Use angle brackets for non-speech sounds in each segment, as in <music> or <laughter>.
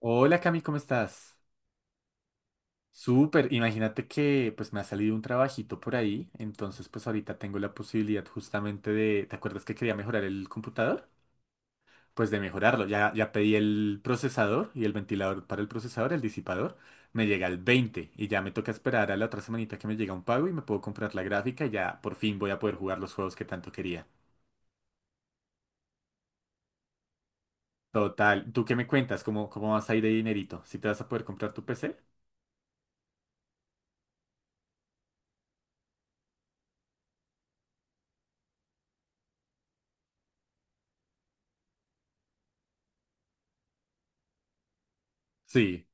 Hola Cami, ¿cómo estás? Súper, imagínate que pues me ha salido un trabajito por ahí, entonces pues ahorita tengo la posibilidad justamente de, ¿te acuerdas que quería mejorar el computador? Pues de mejorarlo, ya pedí el procesador y el ventilador para el procesador, el disipador, me llega el 20 y ya me toca esperar a la otra semanita que me llega un pago y me puedo comprar la gráfica y ya por fin voy a poder jugar los juegos que tanto quería. Total, ¿tú qué me cuentas? ¿Cómo vas a ir de dinerito? ¿Si te vas a poder comprar tu PC? Sí.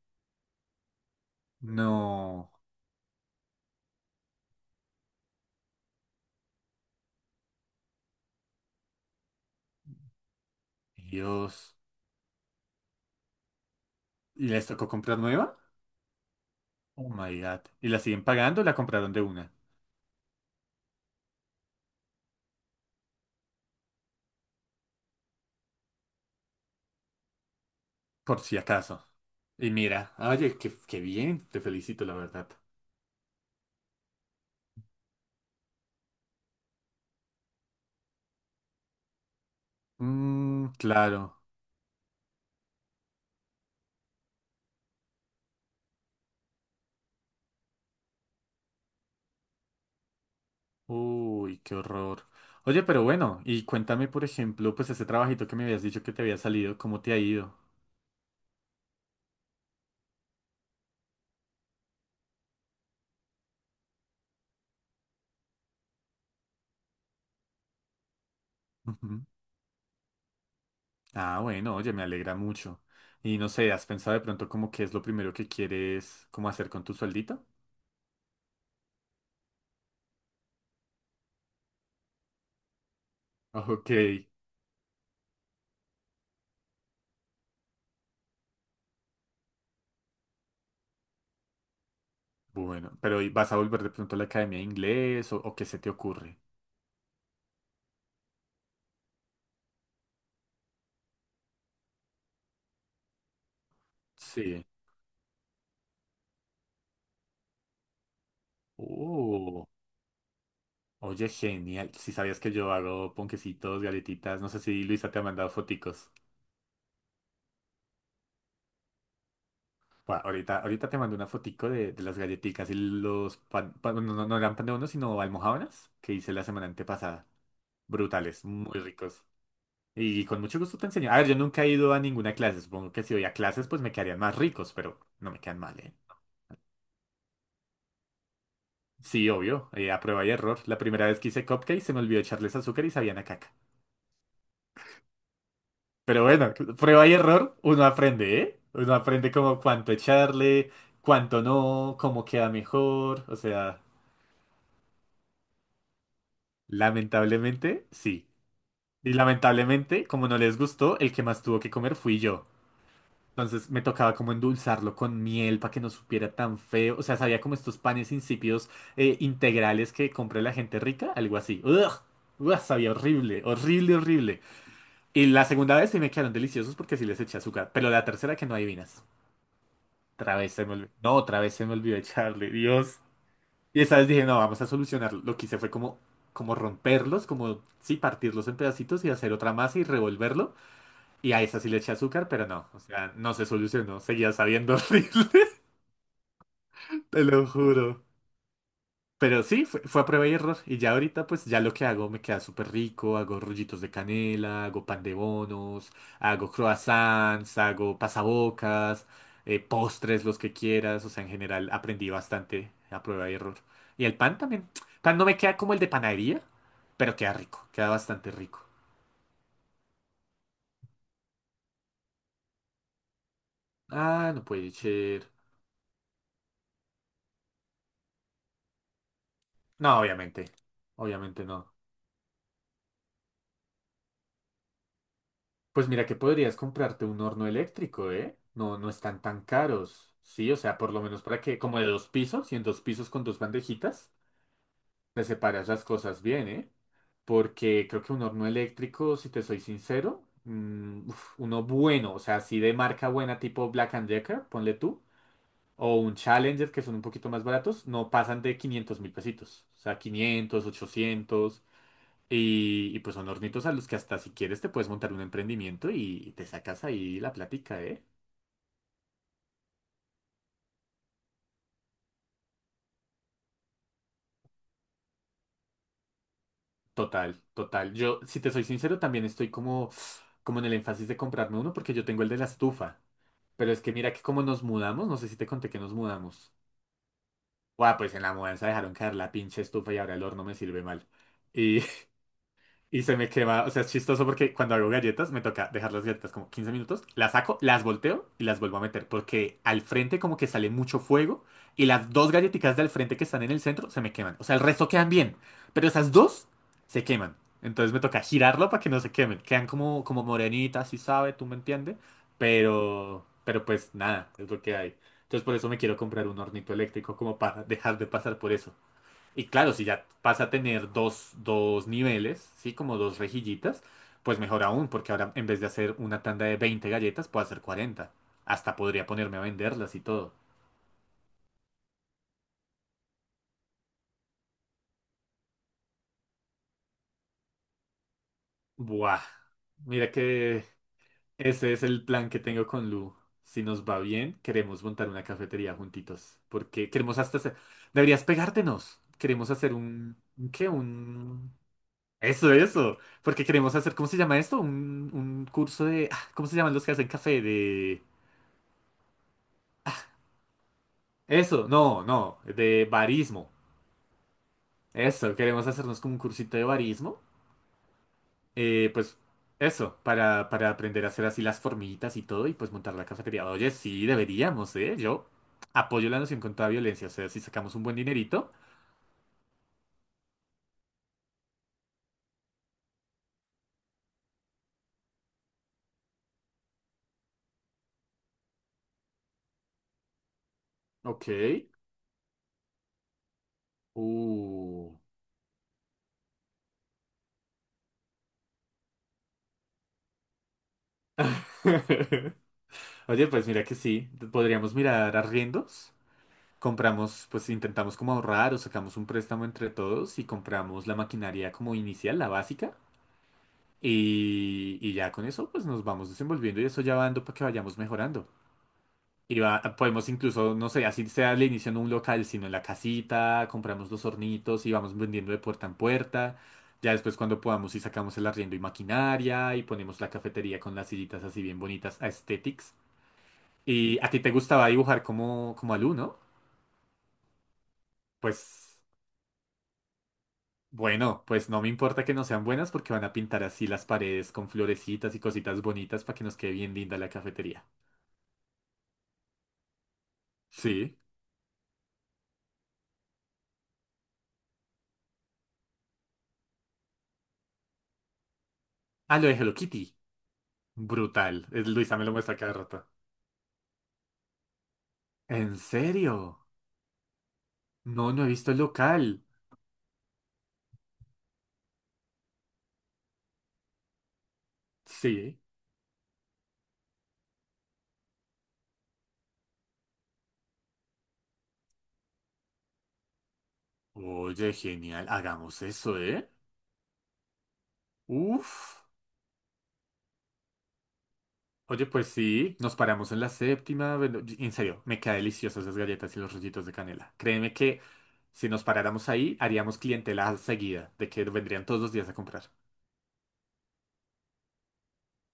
No, Dios. ¿Y les tocó comprar nueva? Oh my God. ¿Y la siguen pagando o la compraron de una? Por si acaso. Y mira, oye, qué bien, te felicito, la verdad. Mmm, claro. Uy, qué horror. Oye, pero bueno, y cuéntame, por ejemplo, pues ese trabajito que me habías dicho que te había salido, ¿cómo te ha ido? Ujú. Ah, bueno, oye, me alegra mucho. Y no sé, ¿has pensado de pronto como qué es lo primero que quieres como hacer con tu sueldito? Ok, bueno, pero ¿y vas a volver de pronto a la academia de inglés o qué se te ocurre? Sí. Uh, oye, genial. Si sabías que yo hago ponquecitos, galletitas, no sé si Luisa te ha mandado foticos. Buah, ahorita te mando una fotico de las galletitas y los pan, no, no, no eran pan de uno, sino almojábanas que hice la semana antepasada. Brutales, muy ricos. Y con mucho gusto te enseño. A ver, yo nunca he ido a ninguna clase. Supongo que si voy a clases, pues me quedarían más ricos, pero no me quedan mal, ¿eh? Sí, obvio. A prueba y error. La primera vez que hice cupcakes se me olvidó echarles azúcar y sabían a caca. Pero bueno, prueba y error, uno aprende, ¿eh? Uno aprende como cuánto echarle, cuánto no, cómo queda mejor. O sea, lamentablemente, sí. Y lamentablemente, como no les gustó, el que más tuvo que comer fui yo. Entonces me tocaba como endulzarlo con miel para que no supiera tan feo. O sea, sabía como estos panes insípidos integrales que compra la gente rica, algo así. ¡Ugh! ¡Ugh! Sabía horrible, horrible, horrible. Y la segunda vez sí me quedaron deliciosos porque sí les eché azúcar. Pero la tercera que no adivinas. Otra vez se me olvidó. No, otra vez se me olvidó echarle, Dios. Y esa vez dije, no, vamos a solucionarlo. Lo que hice fue como romperlos, sí, partirlos en pedacitos y hacer otra masa y revolverlo. Y a esa sí le eché azúcar, pero no, o sea, no se solucionó. Seguía sabiendo horrible, <laughs> te lo juro. Pero sí, fue a prueba y error. Y ya ahorita, pues ya lo que hago me queda súper rico. Hago rollitos de canela, hago pan de bonos, hago croissants, hago pasabocas, postres, los que quieras. O sea, en general aprendí bastante a prueba y error. Y el pan también. Pan no me queda como el de panadería, pero queda rico, queda bastante rico. Ah, no puede ser. No, obviamente. Obviamente no. Pues mira que podrías comprarte un horno eléctrico, ¿eh? No, no están tan caros. Sí, o sea, por lo menos para que, como de dos pisos, y en dos pisos con dos bandejitas, te separas las cosas bien, ¿eh? Porque creo que un horno eléctrico, si te soy sincero, uf, uno bueno, o sea, así de marca buena tipo Black and Decker, ponle tú, o un Challenger, que son un poquito más baratos, no pasan de 500.000 pesitos. O sea, 500, 800. Y pues son hornitos a los que hasta si quieres te puedes montar un emprendimiento y te sacas ahí la plática, ¿eh? Total, total. Yo, si te soy sincero, también estoy como, como en el énfasis de comprarme uno porque yo tengo el de la estufa. Pero es que mira que como nos mudamos, no sé si te conté que nos mudamos. Guau, pues en la mudanza dejaron caer la pinche estufa y ahora el horno me sirve mal. y Y se me quema, o sea, es chistoso porque cuando hago galletas me toca dejar las galletas como 15 minutos, las saco, las volteo y las vuelvo a meter porque al frente como que sale mucho fuego y las dos galletitas del frente que están en el centro se me queman. O sea, el resto quedan bien, pero esas dos se queman. Entonces me toca girarlo para que no se quemen. Quedan como, como morenitas, si sabe, tú me entiendes, pero pues nada, es lo que hay. Entonces por eso me quiero comprar un hornito eléctrico como para dejar de pasar por eso. Y claro, si ya pasa a tener dos niveles, ¿sí? Como dos rejillitas, pues mejor aún, porque ahora en vez de hacer una tanda de 20 galletas, puedo hacer 40. Hasta podría ponerme a venderlas y todo. Buah. Mira que ese es el plan que tengo con Lu. Si nos va bien, queremos montar una cafetería juntitos. Porque queremos hasta hacer... Deberías pegártenos. Queremos hacer un ¿Qué? Un... Eso, eso. Porque queremos hacer... ¿Cómo se llama esto? Un curso de... ah, ¿cómo se llaman los que hacen café? De... Eso, no, no, de barismo. Eso, queremos hacernos como un cursito de barismo. Pues eso, para aprender a hacer así las formitas y todo y pues montar la cafetería. Oye, sí, deberíamos, ¿eh? Yo apoyo la noción contra la violencia, o sea, si sacamos un buen dinerito. Ok. Uh. <laughs> Oye, pues mira que sí, podríamos mirar arriendos. Compramos, pues intentamos como ahorrar o sacamos un préstamo entre todos y compramos la maquinaria como inicial, la básica. Y ya con eso, pues nos vamos desenvolviendo y eso ya va dando para que vayamos mejorando. Podemos incluso, no sé, así sea al inicio en un local, sino en la casita, compramos los hornitos y vamos vendiendo de puerta en puerta. Ya después cuando podamos y sacamos el arriendo y maquinaria y ponemos la cafetería con las sillitas así bien bonitas, aesthetics. Y a ti te gustaba dibujar como, como Alu, ¿no? Pues bueno, pues no me importa que no sean buenas porque van a pintar así las paredes con florecitas y cositas bonitas para que nos quede bien linda la cafetería. Sí. Ah, lo de Hello Kitty. Brutal. Luisa me lo muestra cada rato. ¿En serio? No, no he visto el local. Sí. Oye, genial. Hagamos eso, ¿eh? Uf. Oye, pues sí. Nos paramos en la séptima. Bueno, en serio, me quedan deliciosas esas galletas y los rollitos de canela. Créeme que si nos paráramos ahí, haríamos clientela seguida, de que vendrían todos los días a comprar. <laughs>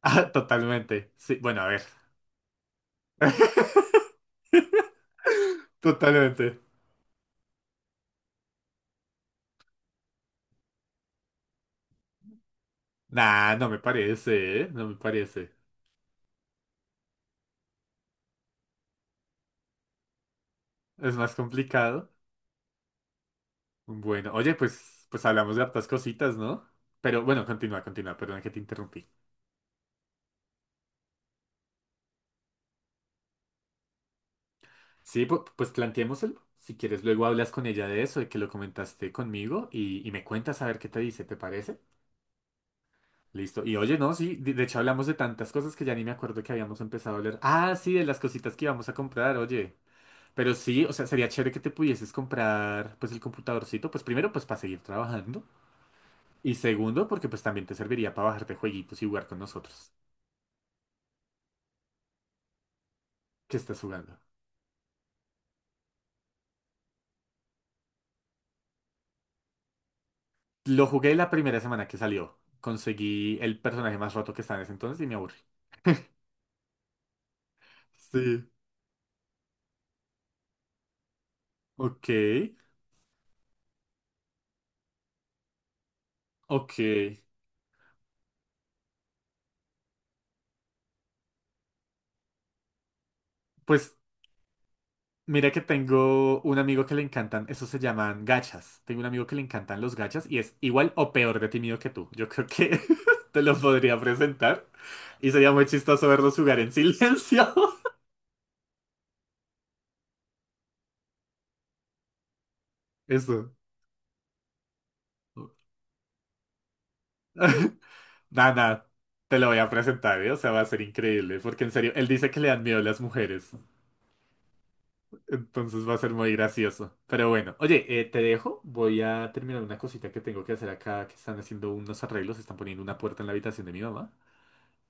Ah, totalmente. Sí, bueno, a ver. <laughs> Totalmente. Nah, no me parece, ¿eh? No me parece. Es más complicado. Bueno, oye, pues hablamos de hartas cositas, ¿no? Pero bueno, continúa, continúa, perdón que te interrumpí. Sí, pues, planteémoselo. Si quieres, luego hablas con ella de eso, de que lo comentaste conmigo y me cuentas a ver qué te dice, ¿te parece? Listo. Y oye, no, sí, de hecho hablamos de tantas cosas que ya ni me acuerdo que habíamos empezado a hablar. Ah, sí, de las cositas que íbamos a comprar, oye. Pero sí, o sea, sería chévere que te pudieses comprar, pues, el computadorcito, pues primero, pues, para seguir trabajando. Y segundo, porque pues también te serviría para bajarte jueguitos y jugar con nosotros. ¿Qué estás jugando? Lo jugué la primera semana que salió. Conseguí el personaje más roto que estaba en ese entonces y me aburrí. Sí. Ok, ok. Pues mira que tengo un amigo que le encantan, esos se llaman gachas. Tengo un amigo que le encantan los gachas y es igual o peor de tímido que tú. Yo creo que <laughs> te los podría presentar y sería muy chistoso verlos jugar en silencio. <laughs> Eso. <laughs> Nada, nada, te lo voy a presentar, ¿eh? O sea, va a ser increíble, porque en serio, él dice que le dan miedo las mujeres. Entonces va a ser muy gracioso. Pero bueno, oye, te dejo. Voy a terminar una cosita que tengo que hacer acá, que están haciendo unos arreglos, están poniendo una puerta en la habitación de mi mamá.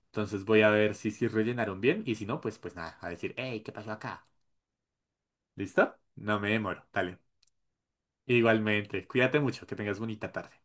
Entonces voy a ver si rellenaron bien y si no, pues, pues nada, a decir, hey, ¿qué pasó acá? ¿Listo? No me demoro, dale. Igualmente, cuídate mucho, que tengas bonita tarde.